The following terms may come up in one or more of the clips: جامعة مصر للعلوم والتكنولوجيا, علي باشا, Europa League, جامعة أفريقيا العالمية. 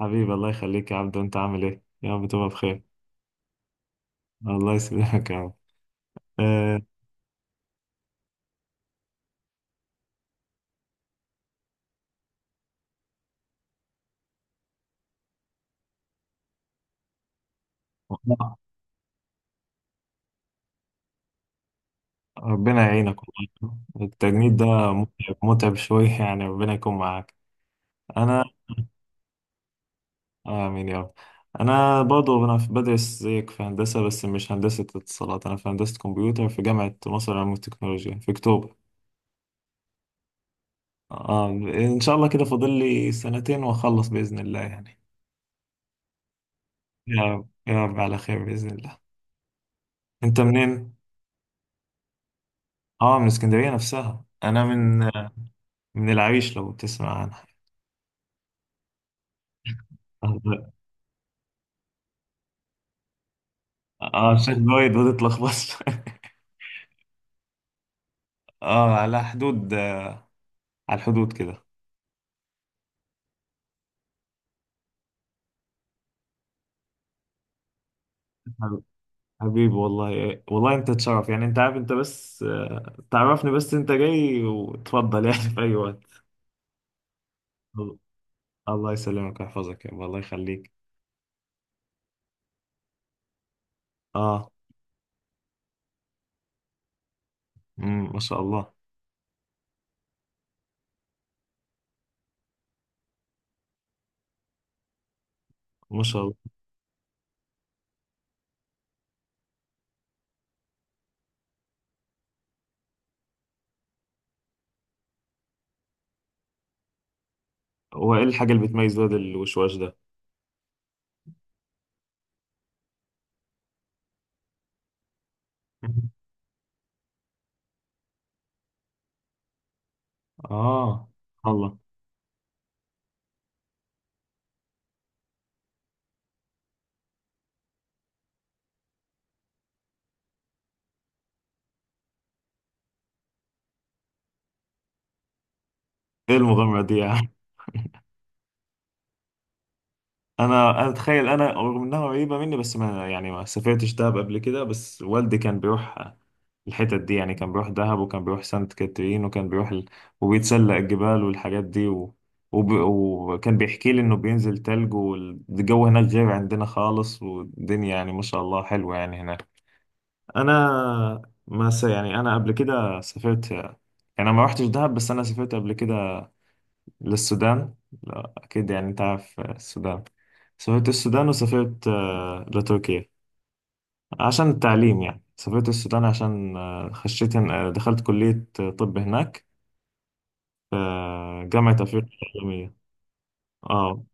حبيبي الله يخليك يا عبدو، انت عامل ايه؟ يا رب تبقى بخير. الله يسلمك يا رب. آه، والله ربنا يعينك، والله التجنيد ده متعب متعب شوية يعني ربنا يكون معاك. انا امين يا رب. انا برضه انا في- بدرس زيك في هندسة، بس مش هندسة اتصالات، انا في هندسة كمبيوتر في جامعة مصر للعلوم والتكنولوجيا في اكتوبر. آه ان شاء الله كده فاضل لي سنتين واخلص باذن الله يعني. يا رب يا رب على خير باذن الله. انت منين؟ اه من اسكندرية نفسها. انا من من العريش، لو تسمع عنها. اه عشان وايد ما تتلخبطش اه على حدود، على الحدود كده. حبيبي والله والله انت تشرف يعني، انت عارف، انت بس تعرفني بس، انت جاي وتفضل يعني في اي وقت. الله يسلمك ويحفظك يا رب، الله يخليك. اه. مم، ما شاء الله. ما شاء الله. هو ايه الحاجة اللي بتميز واد الوشواش ده؟ اه. الله. ايه المغامرة دي يا عم؟ انا اتخيل، انا رغم انها قريبه مني، بس ما سافرتش دهب قبل كده، بس والدي كان بيروح الحتت دي، يعني كان بيروح دهب، وكان بيروح سانت كاترين، وكان بيروح وبيتسلق الجبال والحاجات دي وكان بيحكي لي انه بينزل تلج، والجو هناك غير عندنا خالص، والدنيا يعني ما شاء الله حلوه يعني هناك. انا انا قبل كده سافرت يعني، انا ما رحتش دهب، بس انا سافرت قبل كده للسودان. لا أكيد يعني أنت عارف، السودان. سافرت السودان وسافرت لتركيا عشان التعليم يعني. سافرت السودان عشان آه، خشيت هن... آه، دخلت كلية طب هناك في جامعة أفريقيا العالمية. اه.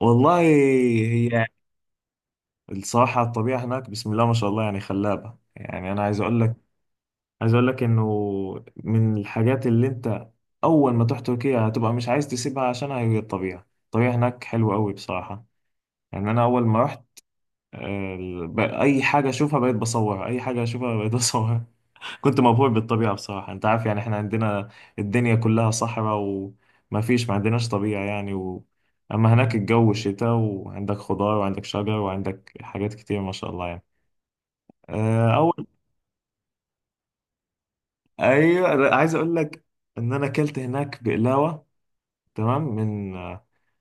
والله هي الصراحة الطبيعة هناك بسم الله ما شاء الله يعني خلابة، يعني أنا عايز أقول لك، عايز أقول لك إنه من الحاجات اللي أنت أول ما تروح تركيا هتبقى مش عايز تسيبها، عشان هي الطبيعة، الطبيعة هناك حلوة أوي بصراحة. يعني أنا أول ما رحت، آه، اي حاجه اشوفها بقيت بصورها، اي حاجه اشوفها بقيت بصورها كنت مبهور بالطبيعه بصراحه، انت عارف يعني احنا عندنا الدنيا كلها صحراء، وما فيش ما عندناش طبيعه يعني اما هناك الجو شتاء، وعندك خضار، وعندك شجر، وعندك حاجات كتير ما شاء الله يعني. آه، اول ايوه أنا عايز اقول لك ان انا اكلت هناك بقلاوه. تمام، من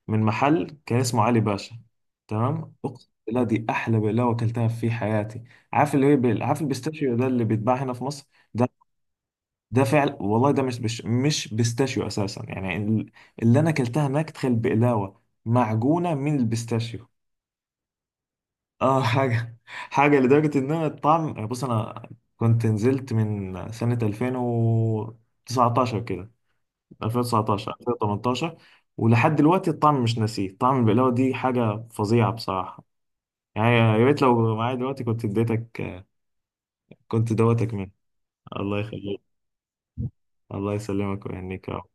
من محل كان اسمه علي باشا. تمام، اقسم بالله دي احلى بقلاوه اكلتها في حياتي. عارف اللي هي عارف البيستاشيو ده اللي بيتباع هنا في مصر؟ ده ده فعل والله، ده مش بيستاشيو اساسا يعني اللي انا اكلتها هناك، تخيل بقلاوه معجونه من البيستاشيو اه حاجه حاجه لدرجه ان انا الطعم، بص انا كنت نزلت من سنه 2019 كده، 2019 2018، ولحد دلوقتي الطعم مش ناسيه، طعم البقلاوة دي حاجة فظيعة بصراحة. يعني يا ريت لو معايا دلوقتي كنت اديتك، كنت دوتك منها. الله يخليك. الله يسلمك ويهنيك يا رب.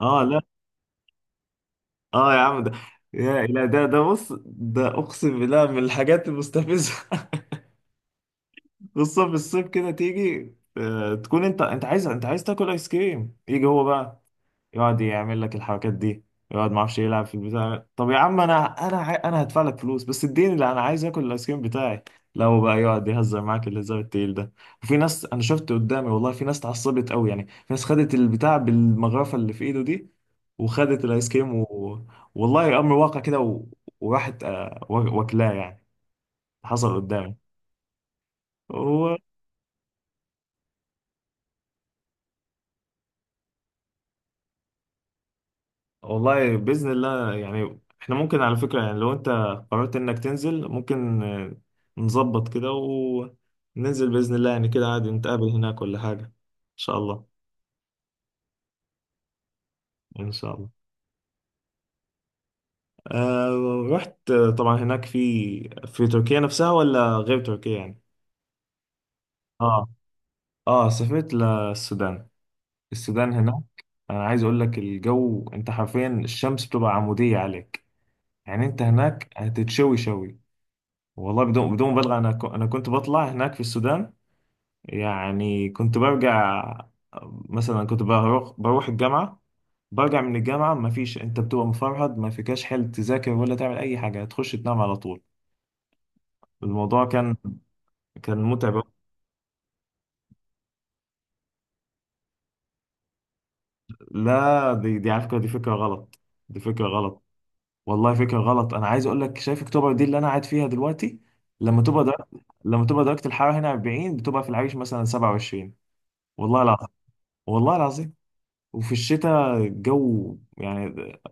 اه لا. اه يا عم ده، يا لا ده بص، ده اقسم بالله من الحاجات المستفزه خصوصا في الصيف كده، تيجي تكون انت عايز تاكل ايس كريم، يجي هو بقى يقعد يعمل لك الحركات دي، يقعد معرفش يلعب في البتاع. طب يا عم انا هدفع لك فلوس، بس اديني اللي انا عايز، اكل الايس كريم بتاعي. لو بقى يقعد يهزر معاك الهزار التقيل ده. وفي ناس انا شفت قدامي والله، في ناس اتعصبت قوي يعني، في ناس خدت البتاع بالمغرفه اللي في ايده دي، وخدت الايس كريم والله امر واقع كده وراحت واكلاه يعني. حصل قدامي. والله بإذن الله يعني احنا ممكن على فكرة، يعني لو انت قررت انك تنزل، ممكن نظبط كده وننزل بإذن الله يعني، كده عادي، نتقابل هناك ولا حاجة ان شاء الله. ان شاء الله. آه رحت طبعا هناك في في تركيا نفسها ولا غير تركيا يعني؟ اه. اه سافرت للسودان. السودان هناك، انا عايز اقول لك الجو، انت حرفيا الشمس بتبقى عمودية عليك، يعني انت هناك هتتشوي شوي. والله بدون بدون مبالغة، أنا كنت بطلع هناك في السودان يعني، كنت برجع، مثلا كنت بروح، بروح الجامعة، برجع من الجامعة، ما فيش، أنت بتبقى مفرهد، ما فيكاش حل تذاكر ولا تعمل أي حاجة، تخش تنام على طول. الموضوع كان كان متعب. لا دي دي على فكرة دي فكرة غلط، دي فكرة غلط، والله فكرة غلط. أنا عايز أقول لك، شايف أكتوبر دي اللي أنا قاعد فيها دلوقتي؟ لما تبقى در... لما تبقى درجة الحرارة هنا 40، بتبقى في العريش مثلا 27، والله العظيم، والله العظيم. وفي الشتاء الجو يعني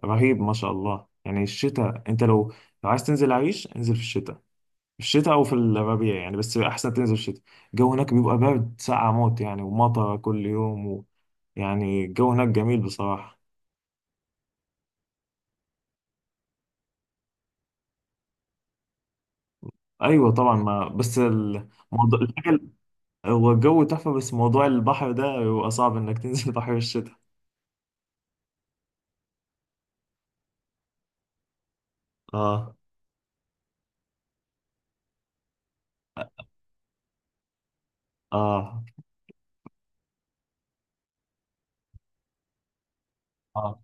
رهيب ما شاء الله يعني. الشتاء انت لو، لو عايز تنزل عيش، انزل في الشتاء، في الشتاء او في الربيع يعني، بس احسن تنزل في الشتاء. الجو هناك بيبقى برد ساقع موت يعني، ومطر كل يوم يعني الجو هناك جميل بصراحة. ايوه طبعا، ما بس الموضوع الحاجة، هو الجو تحفة، بس موضوع البحر ده بيبقى صعب انك تنزل البحر في الشتاء. اه. اه. اه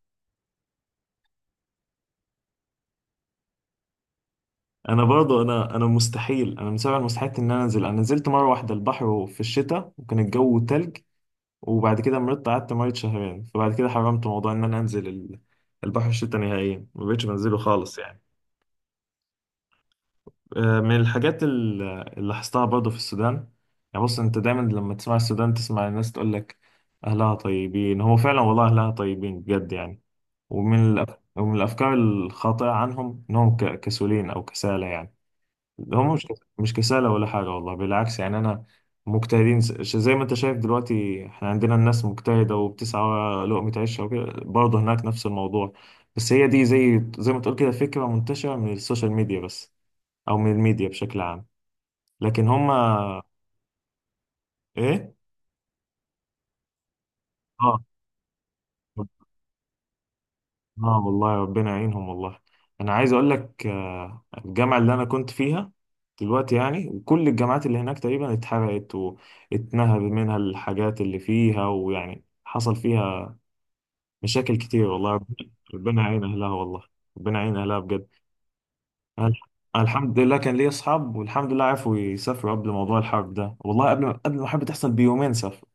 انا برضو انا مستحيل، انا من سبع المستحيلات ان انا انزل. انا نزلت مره واحده البحر في الشتاء، وكان الجو تلج، وبعد كده مرضت، قعدت مريض شهرين، فبعد كده حرمت موضوع ان انا انزل البحر الشتاء نهائيا، ما بقتش بنزله خالص يعني. من الحاجات اللي لاحظتها برضو في السودان، يعني بص انت دايما لما تسمع السودان، تسمع الناس تقول لك اهلها طيبين. هو فعلا والله اهلها طيبين بجد يعني. ومن الافكار الخاطئه عنهم انهم كسولين او كسالى يعني. هم مش، مش كسالة ولا حاجة، والله بالعكس يعني. أنا مجتهدين زي ما أنت شايف دلوقتي، إحنا عندنا الناس مجتهدة وبتسعى لقمة عيشها، وكده برضه هناك نفس الموضوع. بس هي دي زي زي ما تقول كده فكرة منتشرة من السوشيال ميديا بس، أو من الميديا بشكل عام، لكن هم. إيه؟ آه. اه والله ربنا يعينهم والله. انا عايز اقول لك الجامعه اللي انا كنت فيها دلوقتي يعني، وكل الجامعات اللي هناك تقريبا اتحرقت، واتنهب منها الحاجات اللي فيها، ويعني حصل فيها مشاكل كتير، والله ربنا، ربنا يعين اهلها والله، ربنا يعين اهلها بجد. أنا الح- أنا الحمد لله كان لي اصحاب، والحمد لله عرفوا يسافروا قبل موضوع الحرب ده، والله قبل ما الحرب تحصل بيومين سافروا،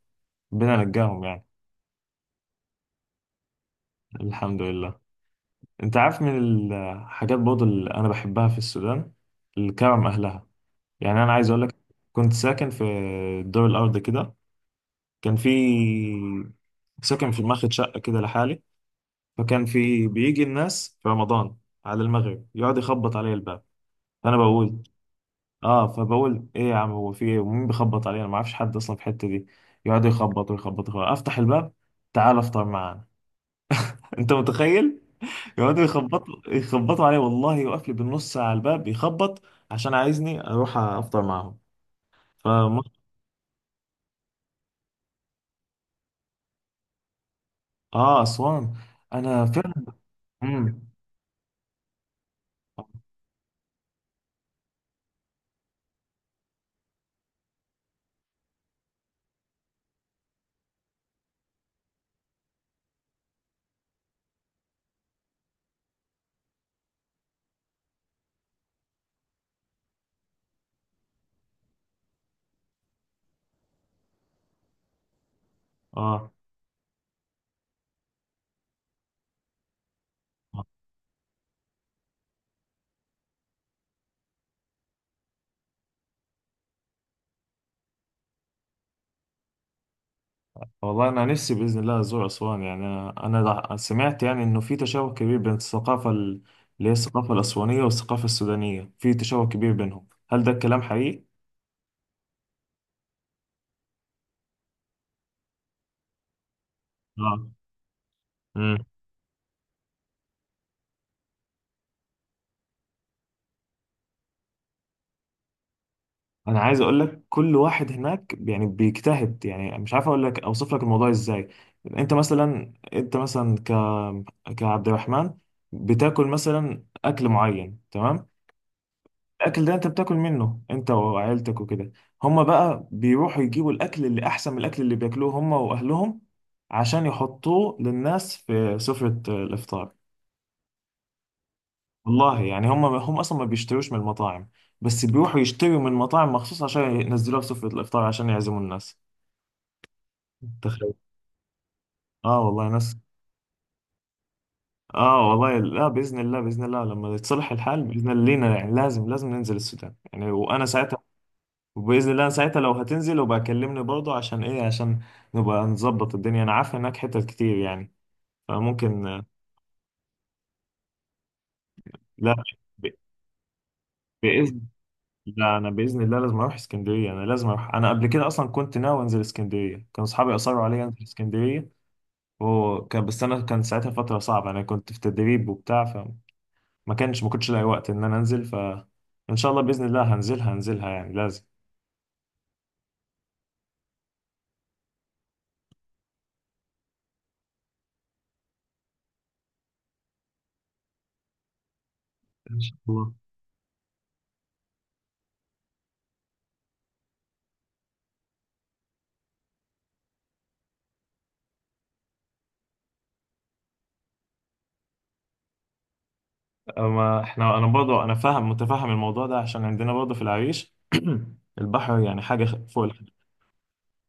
ربنا نجاهم يعني. الحمد لله. انت عارف من الحاجات برضه اللي انا بحبها في السودان؟ الكرم، اهلها، يعني انا عايز اقول لك، كنت ساكن في الدور الارضي كده، كان في ساكن في، ماخد شقه كده لحالي، فكان في بيجي الناس في رمضان على المغرب يقعد يخبط علي الباب. فانا بقول، اه، فبقول ايه يا عم، هو في ايه؟ ومين بيخبط علي؟ انا ما اعرفش حد اصلا في الحته دي. يقعد يخبط ويخبط ويخبط. افتح الباب، تعال افطر معانا. انت متخيل؟ يقعدوا يخبطوا يخبطوا عليه والله، يوقف لي بالنص ساعه على الباب يخبط عشان عايزني اروح افطر معاهم. فم... اه اسوان. انا فعلا. مم. اه. آه. والله انا نفسي باذن الله ازور اسوان يعني، سمعت يعني انه في تشابه كبير بين الثقافه اللي هي الثقافه الاسوانيه والثقافه السودانيه، في تشابه كبير بينهم، هل ده الكلام حقيقي؟ اه. انا عايز اقول لك كل واحد هناك يعني بيجتهد يعني، مش عارف اقول لك اوصف لك الموضوع ازاي. انت مثلا كعبد الرحمن بتاكل مثلا اكل معين، تمام؟ الاكل ده انت بتاكل منه انت وعائلتك وكده، هما بقى بيروحوا يجيبوا الاكل اللي احسن من الاكل اللي بياكلوه هما واهلهم، عشان يحطوه للناس في سفرة الافطار. والله يعني هم، هم اصلا ما بيشتروش من المطاعم، بس بيروحوا يشتروا من مطاعم مخصوص عشان ينزلوها في سفرة الافطار، عشان يعزموا الناس. تخيل. اه والله ناس. اه والله، لا باذن الله، باذن الله لما يتصلح الحال باذن الله لينا يعني، لازم لازم ننزل السودان يعني، وانا ساعتها، وباذن الله ساعتها لو هتنزل، وبقى كلمني برضه عشان ايه، عشان نبقى نظبط الدنيا، انا عارف هناك حتت كتير يعني، فممكن لا ب- باذن لا انا باذن الله لازم اروح اسكندريه، انا لازم اروح. انا قبل كده اصلا كنت ناوي انزل اسكندريه، كان اصحابي اصروا عليا انزل اسكندريه، وكان بس انا كان ساعتها فتره صعبه، انا كنت في تدريب وبتاع، ما كنتش لاقي وقت ان انا انزل. ف ان شاء الله باذن الله هنزلها، هنزلها يعني لازم ان شاء الله. اما احنا، انا برضه انا فاهم متفهم الموضوع ده، عشان عندنا برضه في العريش البحر يعني حاجه فوق الخيال.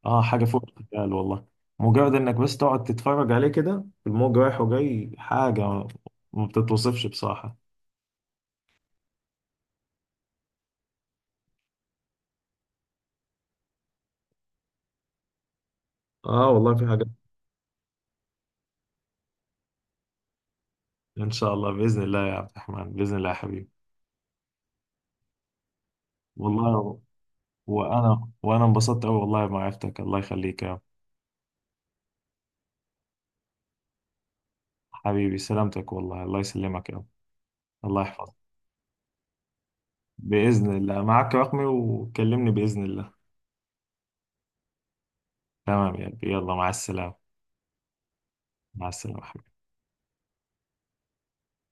اه حاجه فوق الخيال والله، مجرد انك بس تقعد تتفرج عليه كده الموج رايح وجاي، حاجه ما بتتوصفش بصراحه. اه والله في حاجه. ان شاء الله باذن الله يا عبد الرحمن، باذن الله يا حبيبي. والله، وانا انبسطت قوي والله بمعرفتك، الله يخليك يا حبيبي. سلامتك والله، الله يسلمك يا رب، الله يحفظك. بإذن الله معك رقمي، وكلمني بإذن الله. تمام يا ربي، يلا مع السلامة. مع السلامة حبيبي.